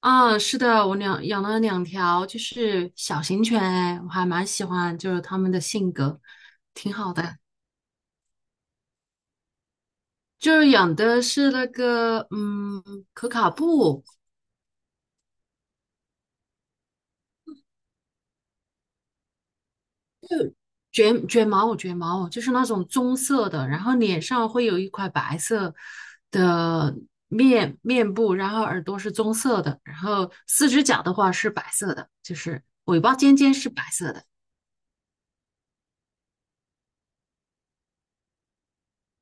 啊，是的，我养了2条，就是小型犬，哎，我还蛮喜欢，就是它们的性格挺好的。就是养的是那个，可卡布卷毛就是那种棕色的，然后脸上会有一块白色的面部，然后耳朵是棕色的，然后4只脚的话是白色的，就是尾巴尖尖是白色的。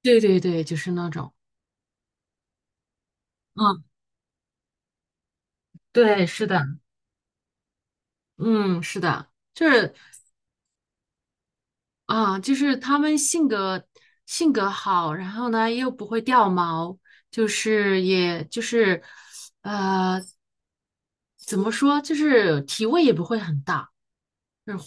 对对对，就是那种。嗯，对，是的，嗯，是的。就是啊，就是他们性格好，然后呢又不会掉毛，就是也就是呃怎么说，就是体味也不会很大。嗯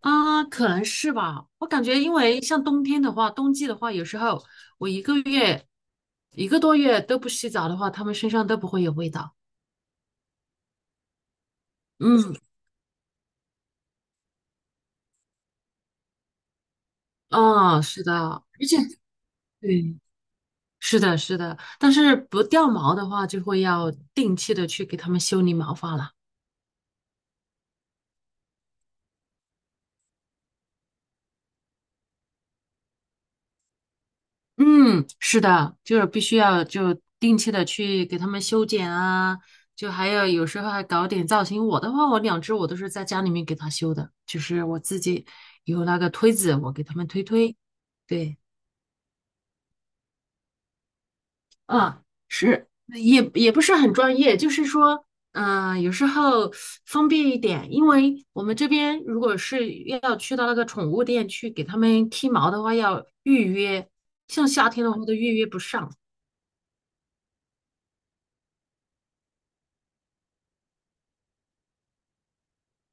啊，可能是吧。我感觉，因为像冬季的话，有时候我1个多月都不洗澡的话，他们身上都不会有味道。嗯，啊，是的，而且对，是的，是的，但是不掉毛的话，就会要定期的去给它们修理毛发了。嗯，是的，就是必须要就定期的去给它们修剪啊，就还有有时候还搞点造型。我的话，我两只我都是在家里面给它修的，就是我自己有那个推子，我给它们推推。对。啊，是，也不是很专业，就是说，有时候封闭一点，因为我们这边如果是要去到那个宠物店去给它们剃毛的话，要预约，像夏天的话都预约不上。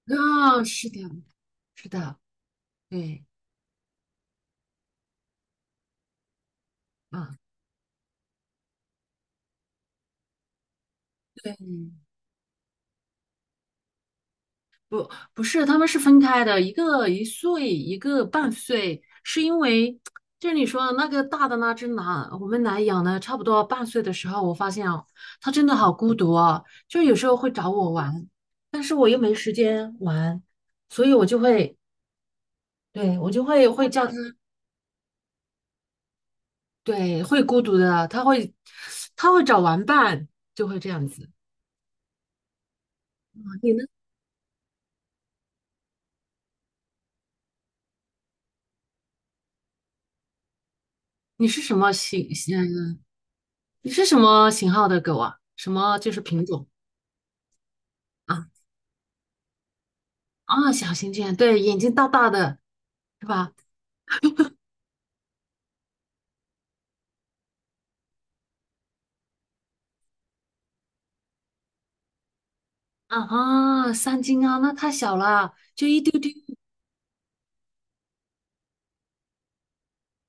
啊、是的，是的，对，啊。对不是，他们是分开的，一个一岁，一个半岁，是因为就是你说的那个大的那只狼，我们来养了差不多半岁的时候，我发现哦，它真的好孤独哦，就有时候会找我玩，但是我又没时间玩，所以我就会，对，我就会叫它，对，会孤独的，它会找玩伴，就会这样子。你呢？你是什么型？嗯，你是什么型号的狗啊？什么就是品种？啊？啊，小型犬，对，眼睛大大的，是吧？啊，3斤啊，那太小了，就一丢丢。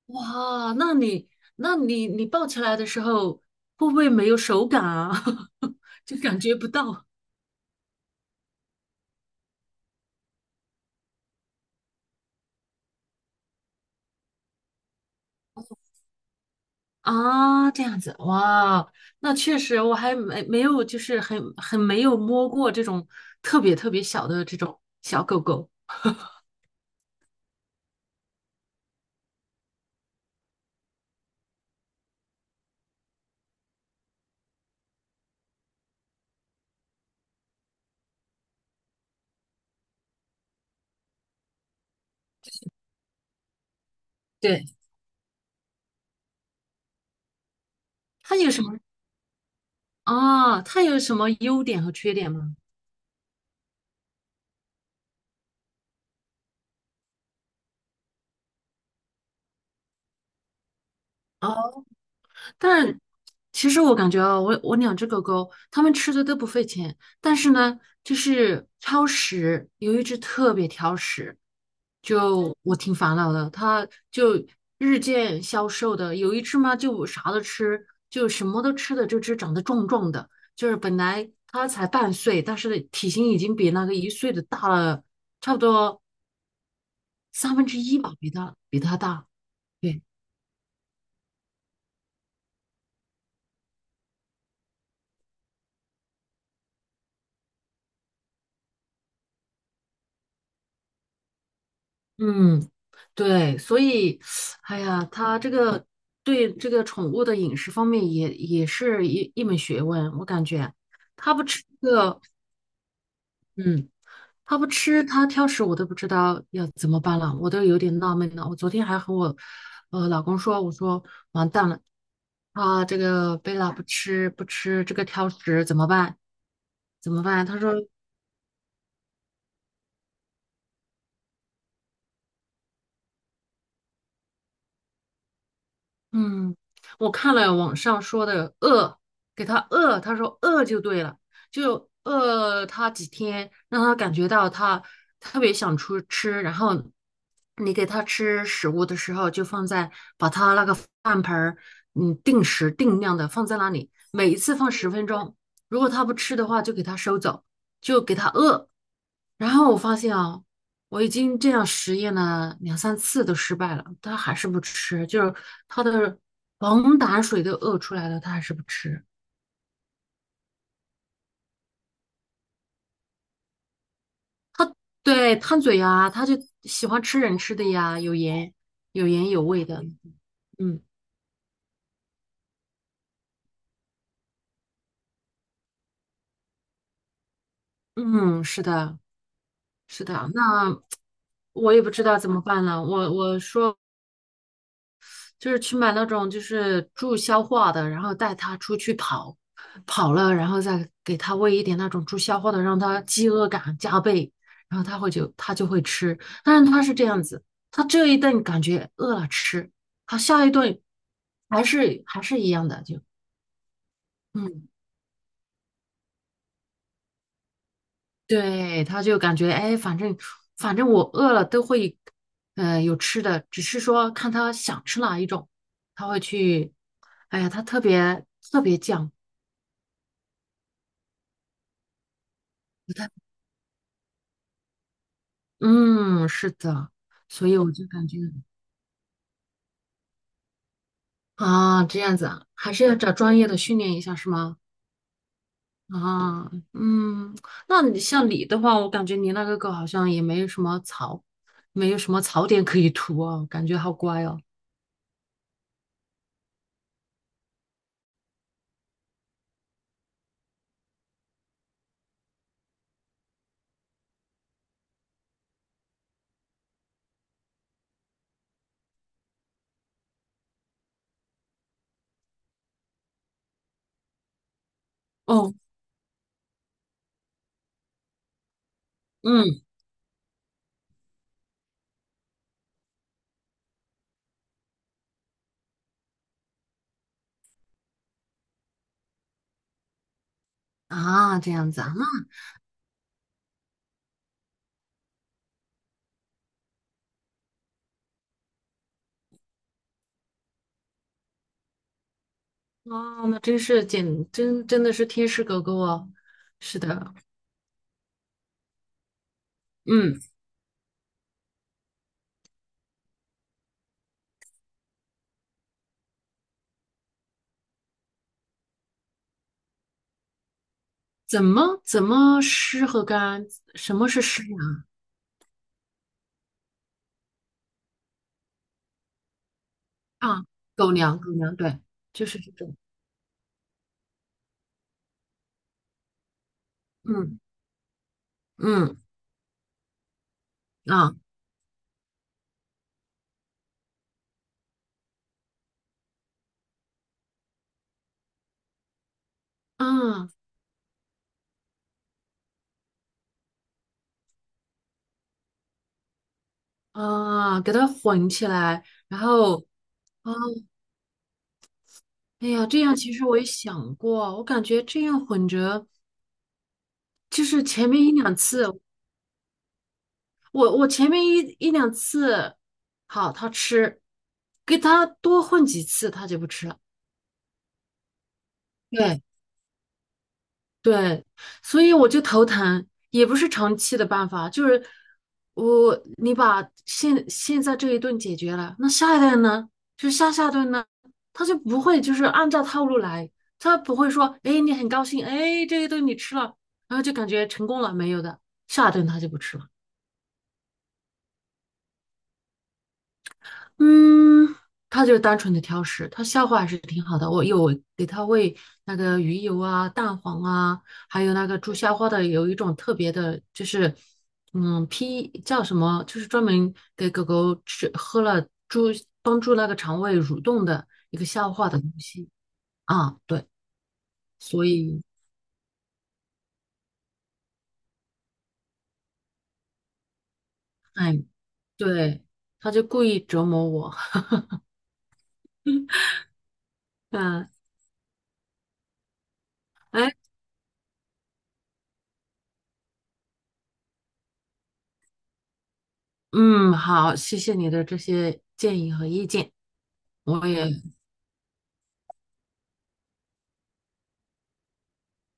哇，那你，你抱起来的时候会不会没有手感啊？就感觉不到啊，这样子，哇，那确实我还没有，就是很没有摸过这种特别特别小的这种小狗狗。对，它有什么它有什么优点和缺点吗？啊。但是其实我感觉啊，我2只狗狗，它们吃的都不费钱，但是呢，就是挑食，有一只特别挑食，就我挺烦恼的，它就日渐消瘦的，有一只嘛就什么都吃的，这只长得壮壮的，就是本来它才半岁，但是体型已经比那个一岁的大了差不多1/3吧，比它大。对。嗯，对，所以，哎呀，他这个对这个宠物的饮食方面也是一学问，我感觉他不吃这个，嗯，他不吃，他挑食，我都不知道要怎么办了，我都有点纳闷了。我昨天还和我老公说，我说完蛋了，啊，这个贝拉不吃这个挑食怎么办？怎么办？他说。嗯，我看了网上说的饿，给他饿，他说饿就对了，就饿他几天，让他感觉到他特别想出吃，然后你给他吃食物的时候，就放在把他那个饭盆儿，嗯，定时定量的放在那里，每一次放10分钟，如果他不吃的话，就给他收走，就给他饿。然后我发现啊，我已经这样实验了两三次都失败了，他还是不吃，就是他的黄胆水都饿出来了，他还是不吃。对，贪嘴呀，他就喜欢吃人吃的呀，有盐有味的。嗯嗯，是的，是的。那我也不知道怎么办了。我说就是去买那种就是助消化的，然后带它出去跑，跑了，然后再给它喂一点那种助消化的，让它饥饿感加倍，然后它就会吃。但是它是这样子，它这一顿感觉饿了吃，它下一顿还是一样的，就嗯，对，它就感觉哎，反正我饿了都会，有吃的，只是说看它想吃哪一种，它会去，哎呀，它特别特别犟。嗯，是的，所以我就感觉啊，这样子啊，还是要找专业的训练一下，是吗？啊，嗯，像你的话，我感觉你那个狗好像也没有什么槽，没有什么槽点可以涂哦，感觉好乖哦。哦，嗯，啊，这样子啊，那啊，那真真的是天使狗狗哦。是的，嗯，怎么湿和干？什么是湿粮啊？狗粮，狗粮，对，就是这种，嗯。嗯啊啊啊，给它混起来，然后啊，哎呀，这样其实我也想过，我感觉这样混着，就是前面一两次，我前面一两次，好，它吃，给它多混几次，它就不吃了。对对，所以我就头疼，也不是长期的办法，就是你把现在这一顿解决了，那下一顿呢？就下下顿呢，他就不会就是按照套路来，他不会说，哎，你很高兴，哎，这一顿你吃了，然后就感觉成功了，没有的，下一顿他就不吃了。嗯，他就是单纯的挑食，他消化还是挺好的。我有给他喂那个鱼油啊、蛋黄啊，还有那个助消化的有一种特别的，就是P 叫什么，就是专门给狗狗吃喝了帮助那个肠胃蠕动的一个消化的东西啊。对，所以哎，对，他就故意折磨我。嗯，哎，嗯，好，谢谢你的这些建议和意见，我也。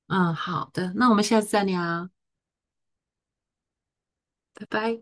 嗯，好的，那我们下次再聊，拜拜。